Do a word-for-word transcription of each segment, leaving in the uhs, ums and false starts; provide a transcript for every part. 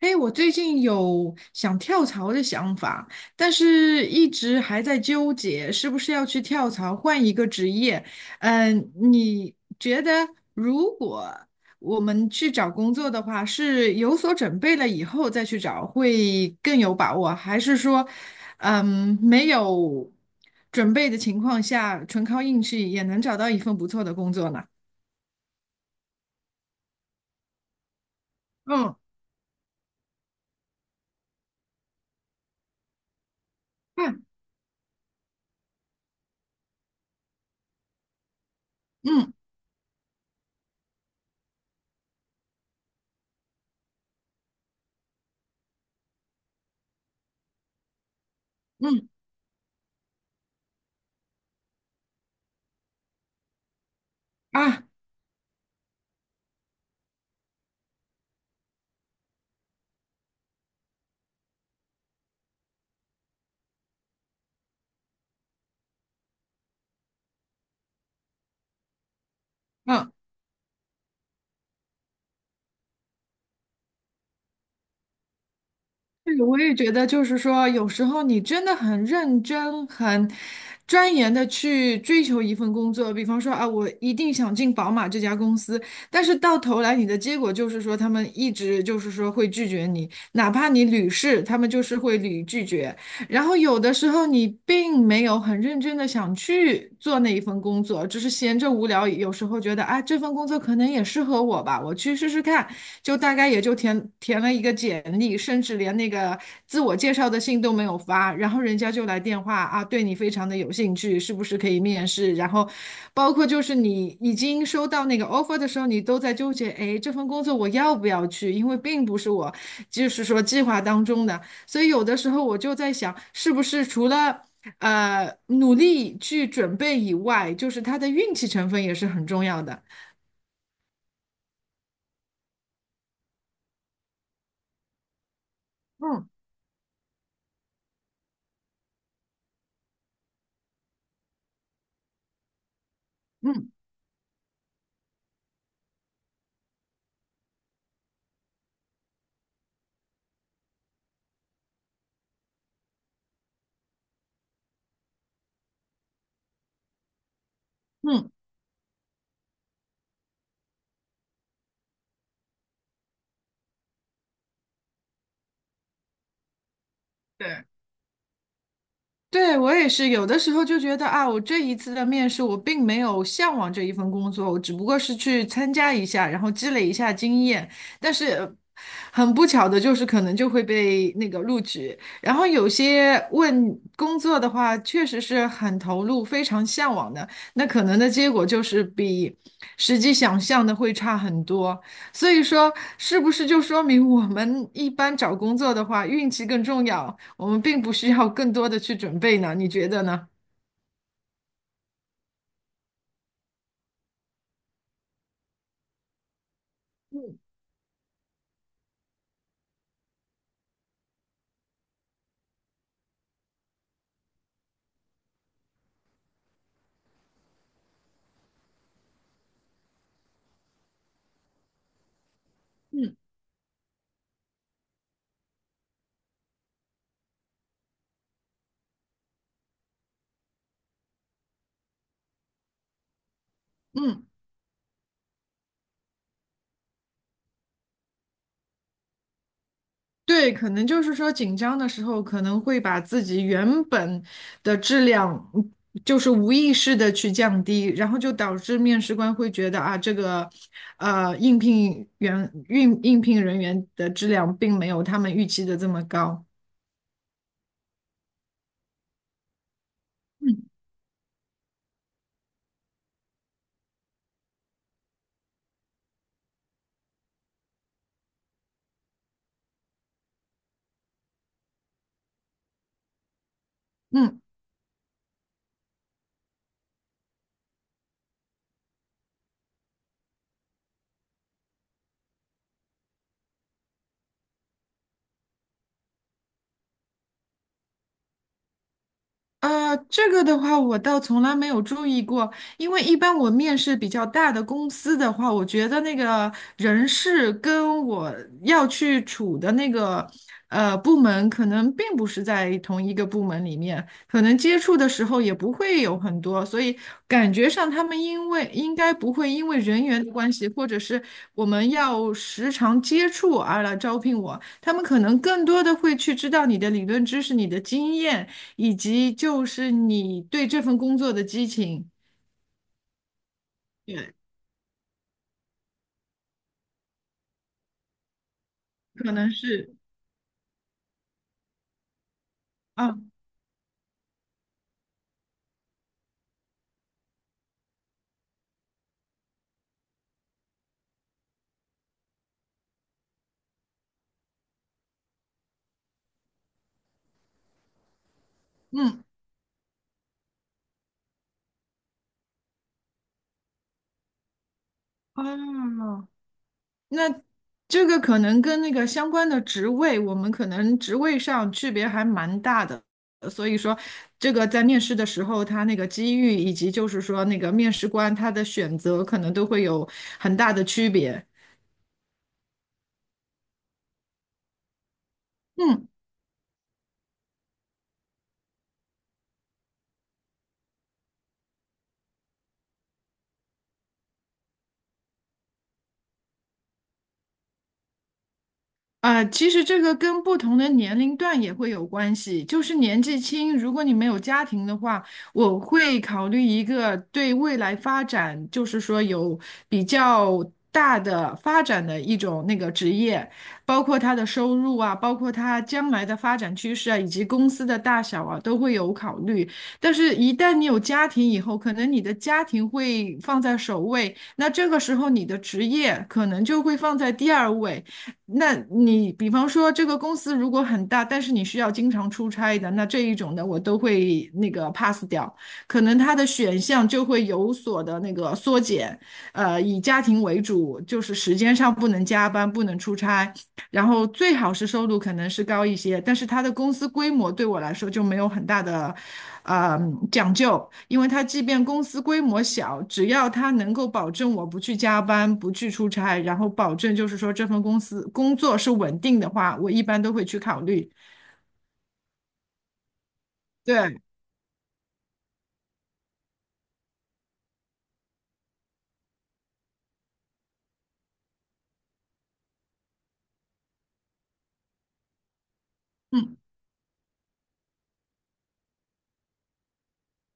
哎，我最近有想跳槽的想法，但是一直还在纠结是不是要去跳槽换一个职业。嗯，你觉得如果我们去找工作的话，是有所准备了以后再去找会更有把握，还是说，嗯，没有准备的情况下，纯靠运气也能找到一份不错的工作呢？嗯嗯嗯嗯啊。嗯对，我也觉得，就是说，有时候你真的很认真、很钻研的去追求一份工作，比方说啊，我一定想进宝马这家公司，但是到头来你的结果就是说，他们一直就是说会拒绝你，哪怕你屡试，他们就是会屡拒绝。然后有的时候你并没有很认真的想去做那一份工作，只是闲着无聊，有时候觉得啊，这份工作可能也适合我吧，我去试试看，就大概也就填填了一个简历，甚至连那个自我介绍的信都没有发，然后人家就来电话啊，对你非常的有兴趣，是不是可以面试？然后包括就是你已经收到那个 offer 的时候，你都在纠结，哎，这份工作我要不要去？因为并不是我就是说计划当中的。所以有的时候我就在想，是不是除了呃努力去准备以外，就是它的运气成分也是很重要的。嗯嗯嗯，对。对，我也是，有的时候就觉得啊，我这一次的面试，我并没有向往这一份工作，我只不过是去参加一下，然后积累一下经验。但是很不巧的就是，可能就会被那个录取。然后有些问工作的话，确实是很投入、非常向往的，那可能的结果就是比实际想象的会差很多。所以说，是不是就说明我们一般找工作的话，运气更重要？我们并不需要更多的去准备呢，你觉得呢？嗯嗯，对，可能就是说紧张的时候，可能会把自己原本的质量，嗯就是无意识的去降低，然后就导致面试官会觉得啊，这个呃应聘员应应聘人员的质量并没有他们预期的这么高。嗯。呃，这个的话，我倒从来没有注意过，因为一般我面试比较大的公司的话，我觉得那个人事跟我要去处的那个呃部门，可能并不是在同一个部门里面，可能接触的时候也不会有很多，所以感觉上他们因为应该不会因为人员的关系，或者是我们要时常接触而来招聘我，他们可能更多的会去知道你的理论知识、你的经验。以及就是你对这份工作的激情，对，可能是啊，嗯，啊，那这个可能跟那个相关的职位，我们可能职位上区别还蛮大的，呃所以说这个在面试的时候，他那个机遇以及就是说那个面试官他的选择，可能都会有很大的区别。嗯。啊，其实这个跟不同的年龄段也会有关系。就是年纪轻，如果你没有家庭的话，我会考虑一个对未来发展，就是说有比较大的发展的一种那个职业，包括他的收入啊，包括他将来的发展趋势啊，以及公司的大小啊，都会有考虑。但是，一旦你有家庭以后，可能你的家庭会放在首位，那这个时候你的职业可能就会放在第二位。那你比方说这个公司如果很大，但是你需要经常出差的，那这一种的我都会那个 pass 掉，可能它的选项就会有所的那个缩减，呃，以家庭为主，就是时间上不能加班，不能出差，然后最好是收入可能是高一些，但是它的公司规模对我来说就没有很大的，呃，讲究，因为它即便公司规模小，只要它能够保证我不去加班、不去出差，然后保证就是说这份公司工作是稳定的话，我一般都会去考虑。对，嗯。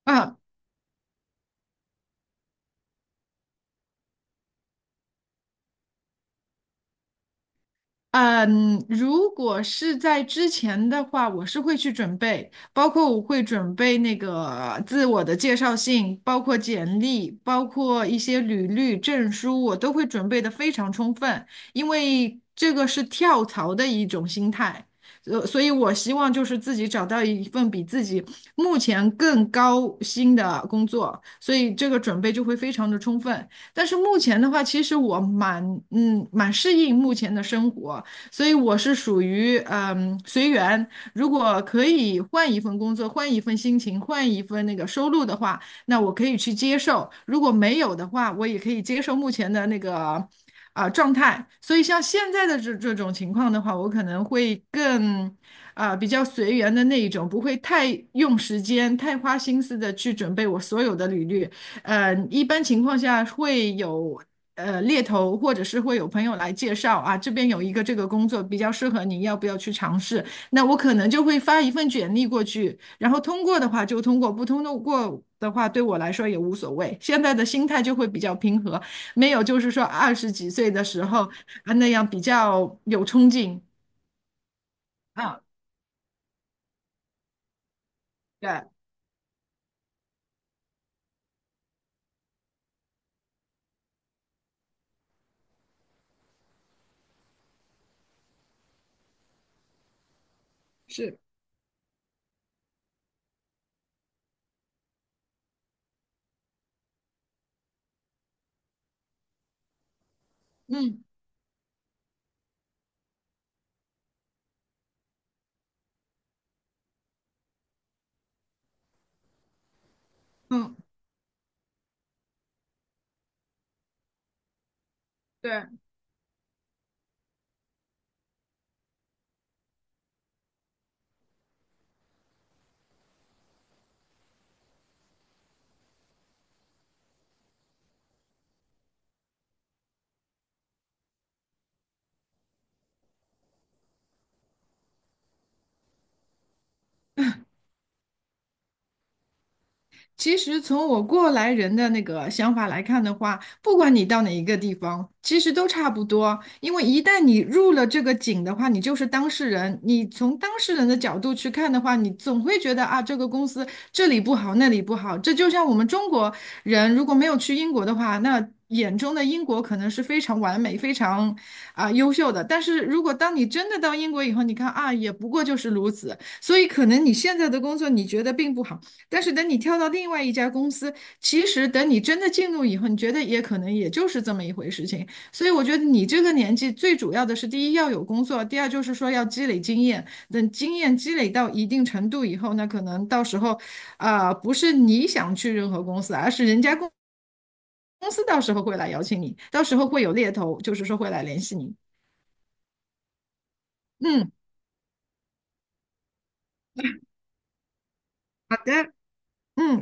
啊，嗯，如果是在之前的话，我是会去准备，包括我会准备那个自我的介绍信，包括简历，包括一些履历、证书，我都会准备的非常充分，因为这个是跳槽的一种心态，呃，所以我希望就是自己找到一份比自己目前更高薪的工作，所以这个准备就会非常的充分。但是目前的话，其实我蛮嗯蛮适应目前的生活。所以我是属于嗯随缘。如果可以换一份工作，换一份心情，换一份那个收入的话，那我可以去接受；如果没有的话，我也可以接受目前的那个啊、状态。所以像现在的这这种情况的话，我可能会更。啊，比较随缘的那一种，不会太用时间、太花心思的去准备我所有的履历，呃，一般情况下会有呃猎头，或者是会有朋友来介绍啊，这边有一个这个工作比较适合你，要不要去尝试？那我可能就会发一份简历过去，然后通过的话就通过，不通过的话对我来说也无所谓。现在的心态就会比较平和，没有就是说二十几岁的时候啊那样比较有冲劲啊，对，是，嗯嗯。对。其实从我过来人的那个想法来看的话，不管你到哪一个地方，其实都差不多。因为一旦你入了这个井的话，你就是当事人。你从当事人的角度去看的话，你总会觉得啊，这个公司这里不好，那里不好。这就像我们中国人如果没有去英国的话，那眼中的英国可能是非常完美、非常啊、优秀的。但是如果当你真的到英国以后，你看啊，也不过就是如此。所以可能你现在的工作你觉得并不好。但是等你跳到另外一家公司，其实等你真的进入以后，你觉得也可能也就是这么一回事情。所以我觉得你这个年纪最主要的是，第一要有工作，第二就是说要积累经验。等经验积累到一定程度以后，那可能到时候，啊、不是你想去任何公司，而是人家公公司到时候会来邀请你，到时候会有猎头，就是说会来联系你。嗯，好的，嗯。